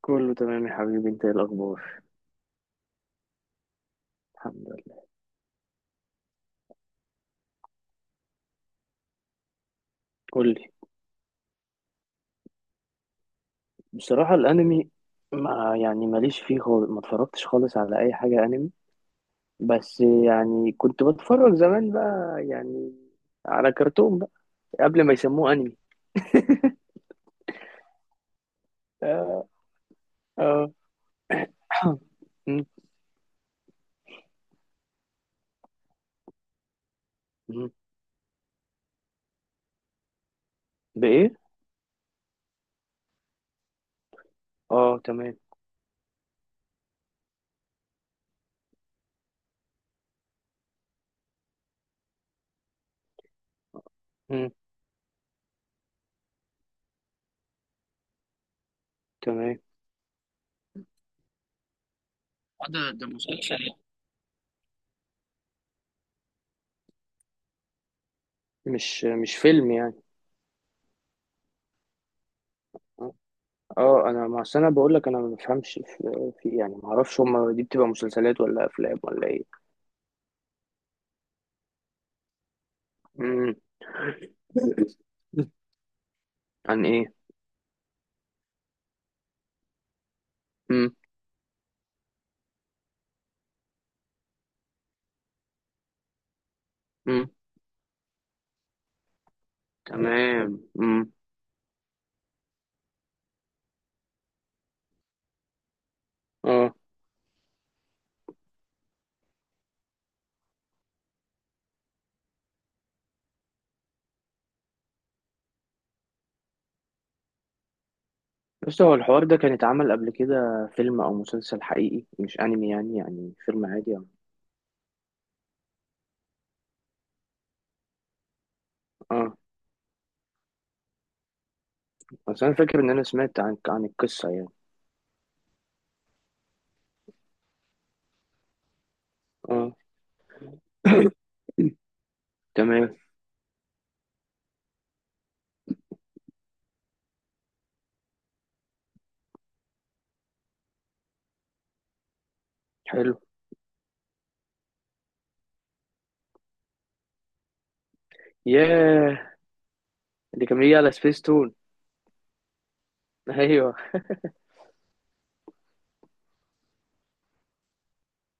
كله تمام يا حبيبي، انت ايه الاخبار؟ الحمد لله. قول لي. بصراحه الانمي، ما ماليش فيه خالص، ما اتفرجتش خالص على اي حاجه انمي. بس يعني كنت بتفرج زمان بقى يعني على كرتون بقى قبل ما يسموه انمي. اه اه. م- م. بايه؟ اه تمام. م، تمام. آه، ده مسلسل يعني. مش فيلم يعني. اه انا ما أصل انا بقول لك، انا ما بفهمش في يعني، ما اعرفش هما دي بتبقى مسلسلات ولا افلام ولا ايه. عن ايه؟ مم. مم. تمام. مم. اه. بس هو الحوار ده كان اتعمل قبل كده فيلم او مسلسل حقيقي مش انمي يعني، يعني فيلم عادي يعني. اه. بس انا فاكر ان انا سمعت عن القصة يعني. اه. تمام. حلو. ياه، اللي كان بيجي على سبيس تون. ايوه.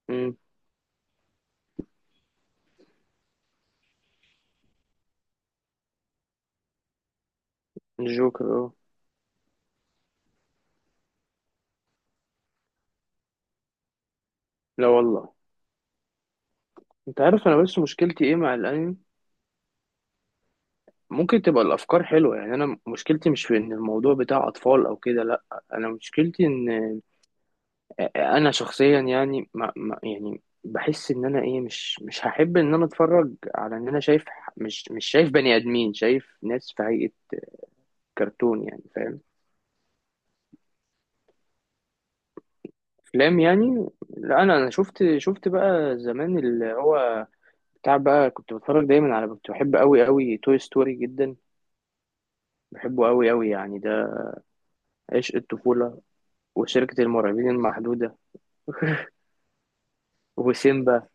مم. الجوكر اه. لا والله. انت عارف، انا بس مشكلتي ايه مع الانمي؟ ممكن تبقى الافكار حلوة، يعني انا مشكلتي مش في ان الموضوع بتاع اطفال او كده، لا. انا مشكلتي ان انا شخصيا يعني ما يعني بحس ان انا ايه، مش هحب ان انا اتفرج، على ان انا شايف مش شايف بني ادمين، شايف ناس في هيئة كرتون يعني، فاهم؟ افلام يعني. لا انا شفت، بقى زمان اللي هو بتاع بقى، كنت بتفرج دايما على، كنت بحب قوي قوي توي ستوري جدا. بحبه قوي قوي يعني، ده عشق الطفولة. وشركة المرعبين المحدودة. وسيمبا.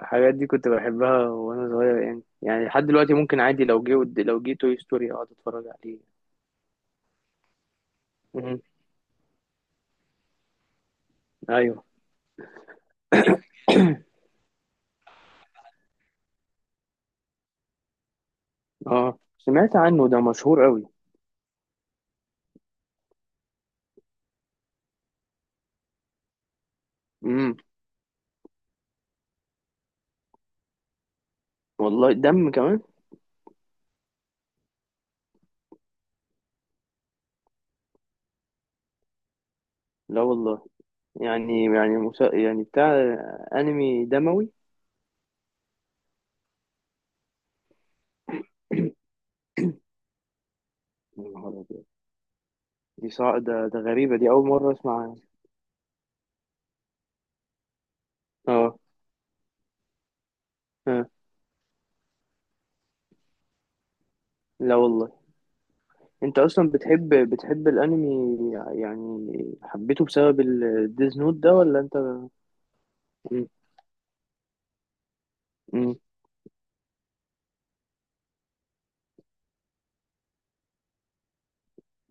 الحاجات دي كنت بحبها وانا صغير يعني، يعني لحد دلوقتي ممكن عادي، لو جه لو جه توي ستوري اقعد اتفرج عليه. امم. ايوه. اه سمعت عنه، ده مشهور قوي. امم. والله دم كمان؟ لا والله. يعني يعني يعني بتاع انمي دموي. يا نهار أبيض. دي ده غريبة، دي أول مرة أسمع عنها. اه. آه. لا والله. أنت أصلا بتحب الأنمي يعني؟ حبيته بسبب الديز نوت ده ولا أنت؟ مم. مم.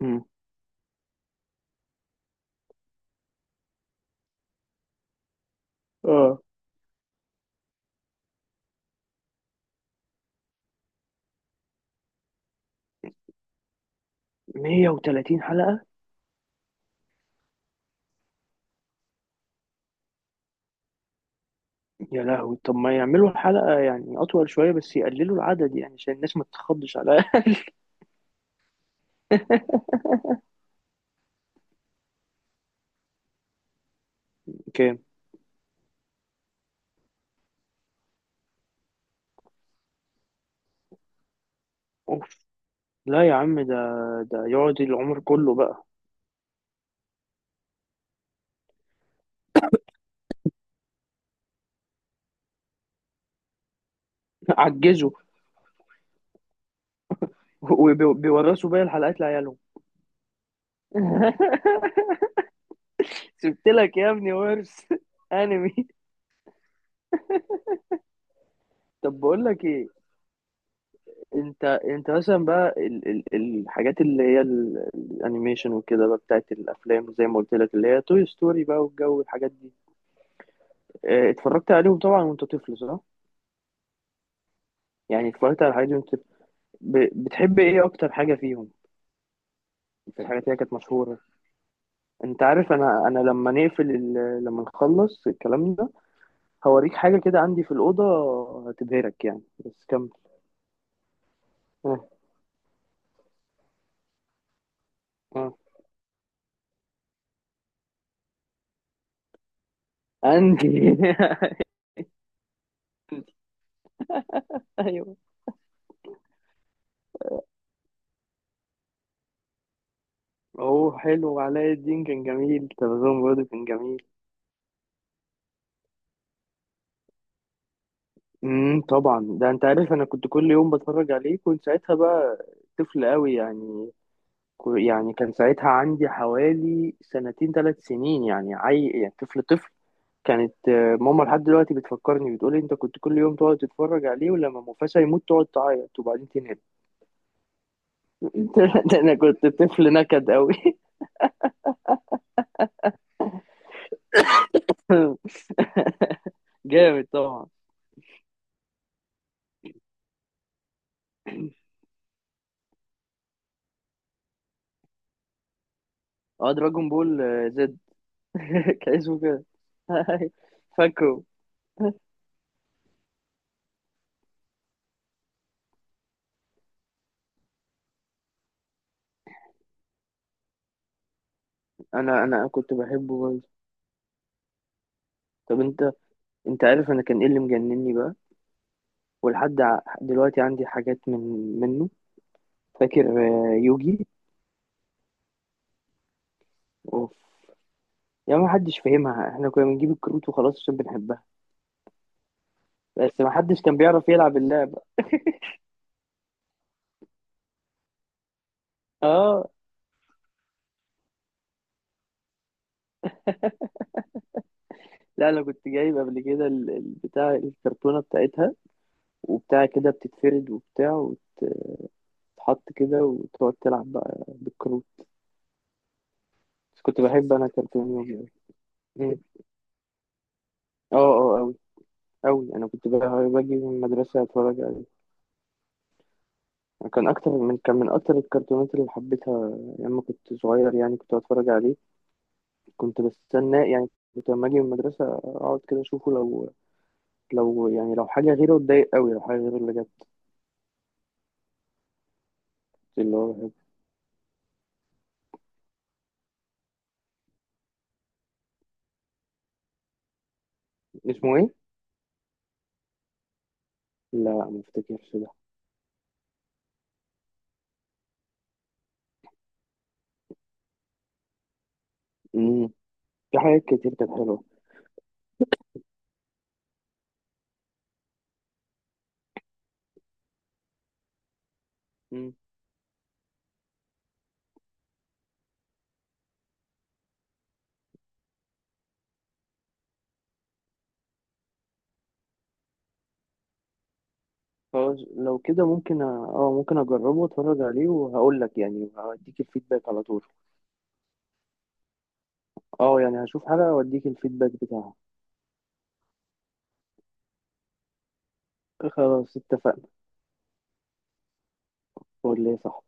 مم. اه. 130 حلقة؟ يا لهوي. طب ما يعملوا الحلقة يعني أطول شوية بس يقللوا العدد، يعني عشان الناس ما تتخضش على. كام؟ أوف. لا يا عم، ده يقعد العمر كله بقى. عجزوا. وبيورثوا باقي الحلقات لعيالهم. سبت لك يا ابني ورث انمي. طب بقول لك ايه، انت مثلا بقى ال الحاجات اللي هي الانيميشن وكده بقى بتاعت الافلام، زي ما قلت لك اللي هي توي ستوري بقى والجو، الحاجات دي آه، اتفرجت عليهم طبعا وانت طفل، صح؟ يعني اتفرجت على الحاجات دي وانت طفل. بتحب ايه اكتر حاجة فيهم؟ في الحاجات اللي هي كانت مشهورة. انت عارف، انا لما نقفل ال... لما نخلص الكلام ده هوريك حاجة كده عندي في الأوضة، هتبهرك يعني، بس كمل. آه. آه. عندي. ايوه. هو حلو، علاء الدين كان جميل، تلفزيون برضه كان جميل. طبعا، ده انت عارف انا كنت كل يوم بتفرج عليه، كنت ساعتها بقى طفل قوي يعني. يعني كان ساعتها عندي حوالي سنتين ثلاث سنين يعني، يعني طفل طفل. كانت آه، ماما لحد دلوقتي بتفكرني، بتقولي انت كنت كل يوم تقعد تتفرج عليه، ولما مفاسا يموت تقعد تعيط وبعدين تنام. ده انا كنت طفل نكد قوي. جامد طبعا. اه دراجون بول آه، زد. كان اسمه كده. فاكره. انا كنت بحبه برضه. طب انت، انت عارف انا كان ايه اللي مجنني بقى؟ ولحد دلوقتي عندي حاجات من منه. فاكر آه، يوجي. اوف. يا ما حدش فاهمها، احنا كنا بنجيب الكروت وخلاص عشان بنحبها. بس ما حدش كان بيعرف يلعب اللعبة. اه. لا انا كنت جايب قبل كده بتاع الكرتونة بتاعتها وبتاع كده، بتتفرد وبتاع، وتتحط كده وتقعد تلعب بقى بالكروت. بس كنت بحب انا الكرتون يومي أوي. مم. اه اه اوي. اوي، انا كنت بقى- باجي من المدرسة اتفرج عليه. كان اكتر من كان من اكتر الكرتونات اللي حبيتها لما كنت صغير يعني، كنت اتفرج عليه، كنت بستناه يعني، كنت لما اجي من المدرسه اقعد كده اشوفه. لو لو حاجه غيره اتضايق قوي، لو حاجه غيره اللي جت، اللي هو بحبه. اسمه ايه؟ لا ما افتكرش ده. امم. في حاجات كتير كانت حلوه. امم. خلاص لو كده ممكن ممكن اجربه واتفرج عليه وهقول لك يعني، هوديك الفيدباك على طول. اه يعني هشوف حلقه واديك الفيدباك بتاعها. خلاص اتفقنا. قول لي صح.